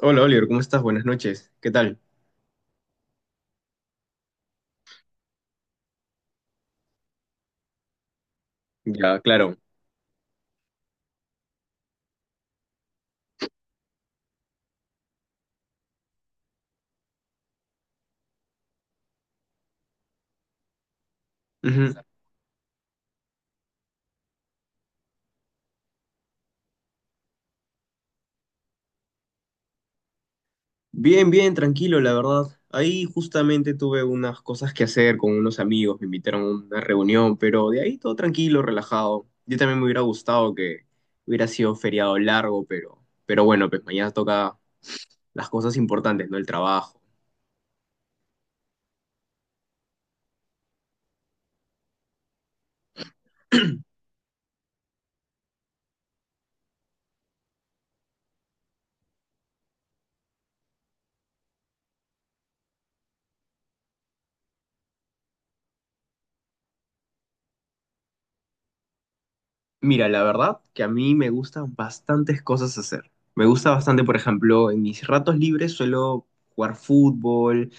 Hola Oliver, ¿cómo estás? Buenas noches. ¿Qué tal? Ya, claro. Ujú. Bien, bien, tranquilo, la verdad. Ahí justamente tuve unas cosas que hacer con unos amigos, me invitaron a una reunión, pero de ahí todo tranquilo, relajado. Yo también me hubiera gustado que hubiera sido feriado largo, pero bueno, pues mañana toca las cosas importantes, ¿no? El trabajo. Mira, la verdad que a mí me gustan bastantes cosas hacer. Me gusta bastante, por ejemplo, en mis ratos libres suelo jugar fútbol.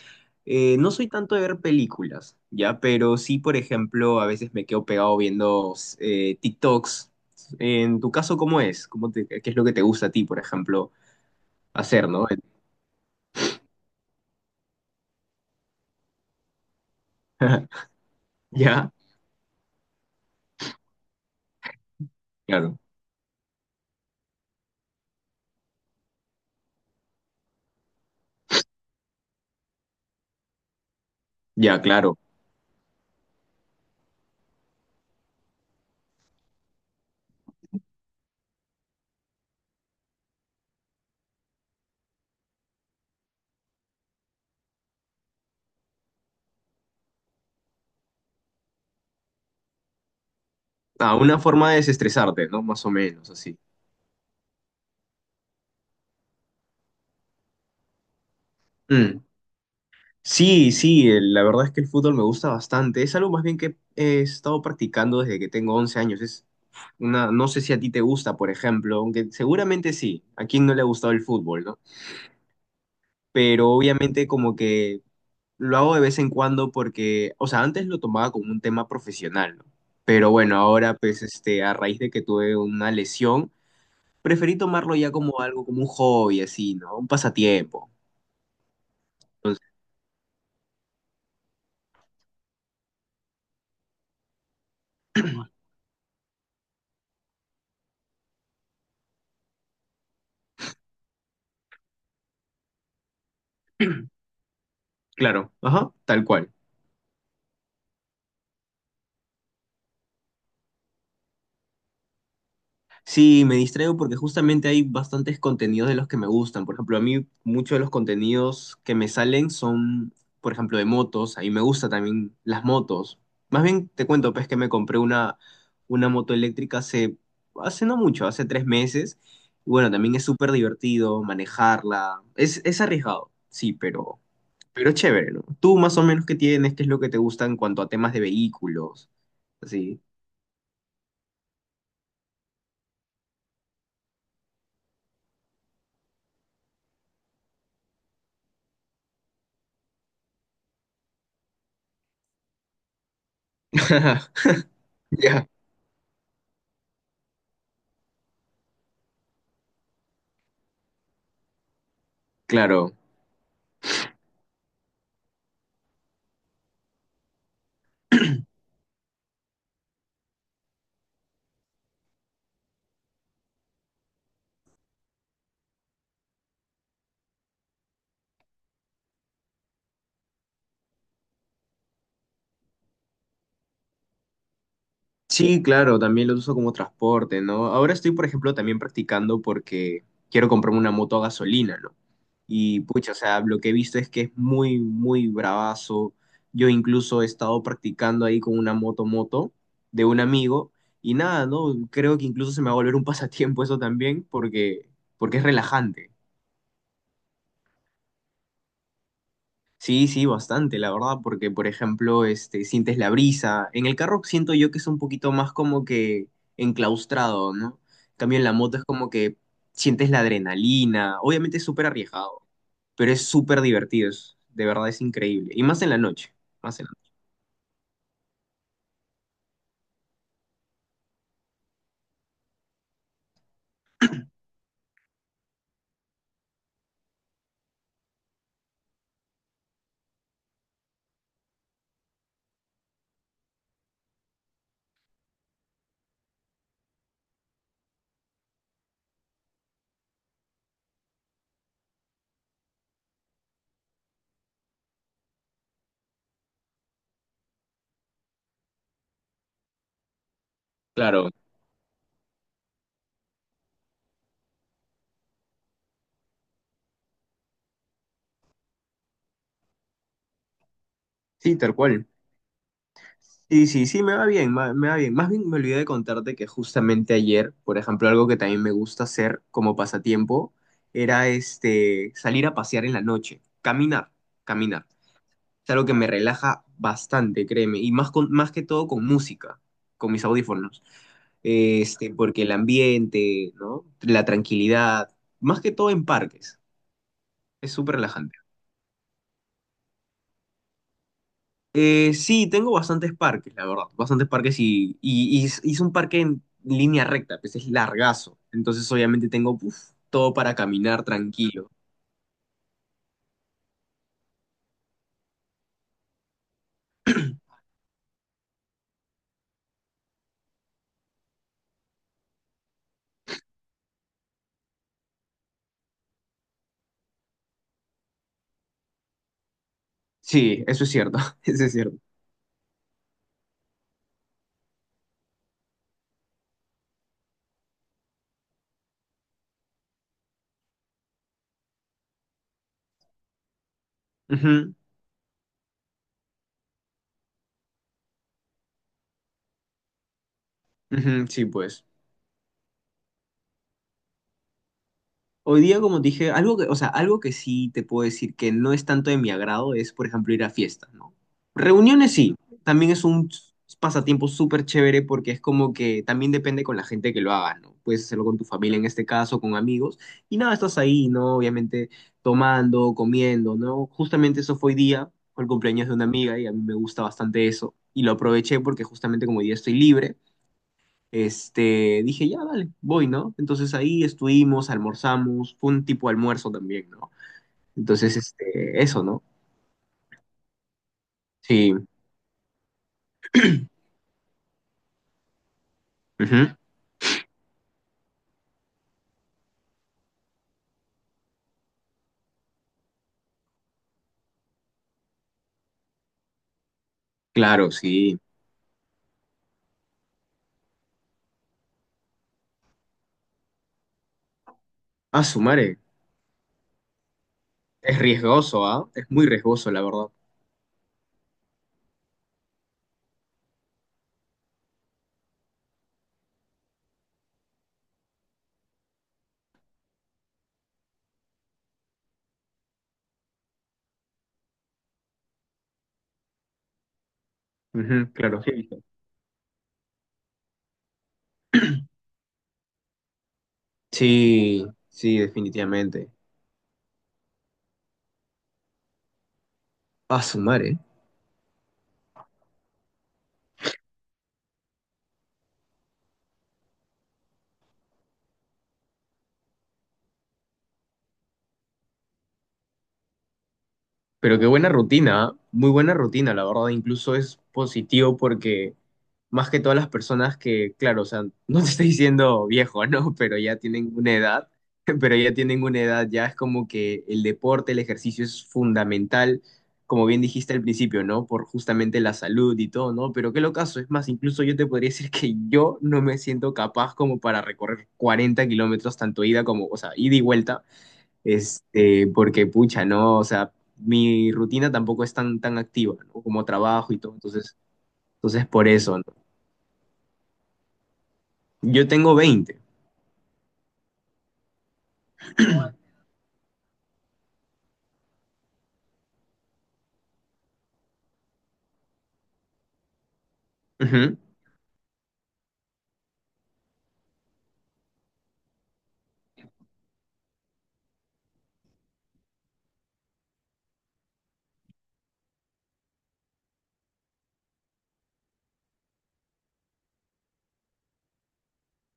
No soy tanto de ver películas, ¿ya? Pero sí, por ejemplo, a veces me quedo pegado viendo TikToks. En tu caso, ¿cómo es? ¿Qué es lo que te gusta a ti, por ejemplo, hacer, ¿no? ¿Ya? Claro. Ya, claro. Ah, una forma de desestresarte, ¿no? Más o menos, así. Mm. Sí, sí, la verdad es que el fútbol me gusta bastante. Es algo más bien que he estado practicando desde que tengo 11 años. Es una, no sé si a ti te gusta, por ejemplo, aunque seguramente sí. ¿A quién no le ha gustado el fútbol, no? Pero obviamente como que lo hago de vez en cuando porque, o sea, antes lo tomaba como un tema profesional, ¿no? Pero bueno, ahora pues este, a raíz de que tuve una lesión, preferí tomarlo ya como algo, como un hobby así, ¿no? Un pasatiempo. Entonces, claro, ajá, tal cual. Sí, me distraigo porque justamente hay bastantes contenidos de los que me gustan. Por ejemplo, a mí muchos de los contenidos que me salen son, por ejemplo, de motos. A mí me gusta también las motos. Más bien te cuento, pues, que me compré una moto eléctrica hace no mucho, hace 3 meses. Y bueno, también es súper divertido manejarla. Es arriesgado, sí, pero es chévere, ¿no? Tú más o menos qué tienes, qué es lo que te gusta en cuanto a temas de vehículos, así. Ya. Claro. Sí, claro, también lo uso como transporte, ¿no? Ahora estoy, por ejemplo, también practicando porque quiero comprarme una moto a gasolina, ¿no? Y pucha, o sea, lo que he visto es que es muy, muy bravazo. Yo incluso he estado practicando ahí con una moto de un amigo y nada, ¿no? Creo que incluso se me va a volver un pasatiempo eso también porque es relajante. Sí, sí, bastante, la verdad, porque por ejemplo, este, sientes la brisa. En el carro siento yo que es un poquito más como que enclaustrado, ¿no? En cambio, en la moto es como que sientes la adrenalina. Obviamente es súper arriesgado, pero es súper divertido, de verdad es increíble. Y más en la noche, más en la- Claro. Sí, tal cual. Sí, sí, sí, me va bien, me va bien. Más bien me olvidé de contarte que justamente ayer, por ejemplo, algo que también me gusta hacer como pasatiempo era este salir a pasear en la noche, caminar, caminar. Es algo que me relaja bastante, créeme, y más más que todo con música, con mis audífonos. Porque el ambiente, ¿no? La tranquilidad, más que todo en parques, es súper relajante. Sí, tengo bastantes parques, la verdad. Bastantes parques y hice un parque en línea recta, pues es largazo. Entonces, obviamente, tengo uf, todo para caminar tranquilo. Sí, eso es cierto, eso es cierto. Ujú, ujú, sí, pues. Hoy día, como te dije, algo que, o sea, algo que sí te puedo decir que no es tanto de mi agrado es, por ejemplo, ir a fiestas, ¿no? Reuniones sí, también es un pasatiempo súper chévere porque es como que también depende con la gente que lo hagas, ¿no? Puedes hacerlo con tu familia en este caso, con amigos, y nada, estás ahí, ¿no? Obviamente tomando, comiendo, ¿no? Justamente eso fue hoy día, fue el cumpleaños de una amiga y a mí me gusta bastante eso, y lo aproveché porque justamente como hoy día estoy libre dije, ya, dale, voy, ¿no? Entonces ahí estuvimos, almorzamos, fue un tipo de almuerzo también, ¿no? Entonces, eso, ¿no? Sí, ujú, claro, sí. Ah, su madre, es riesgoso, ¿ah? Es muy riesgoso, la verdad. Ujú, claro. Sí, sí, definitivamente. Ah, su madre. Pero qué buena rutina, ¿ah? Muy buena rutina, la verdad. Incluso es positivo porque más que todas las personas que, claro, o sea, no te estoy diciendo viejo, ¿no? Pero ya tienen una edad, pero ya tienen una edad, ya es como que el deporte, el ejercicio es fundamental, como bien dijiste al principio, ¿no? Por justamente la salud y todo, ¿no? Pero qué locazo, es más, incluso yo te podría decir que yo no me siento capaz como para recorrer 40 kilómetros, tanto ida como, o sea, ida y vuelta porque pucha, ¿no? O sea, mi rutina tampoco es tan, tan activa, ¿no? Como trabajo y todo, entonces, por eso, ¿no? Yo tengo veinte. Ujú.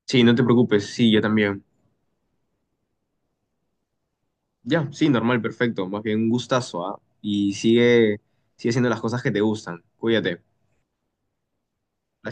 Sí, no te preocupes, sí, yo también. Ya, sí, normal, perfecto, más bien un gustazo, ¿ah? Y sigue, sigue haciendo las cosas que te gustan, cuídate.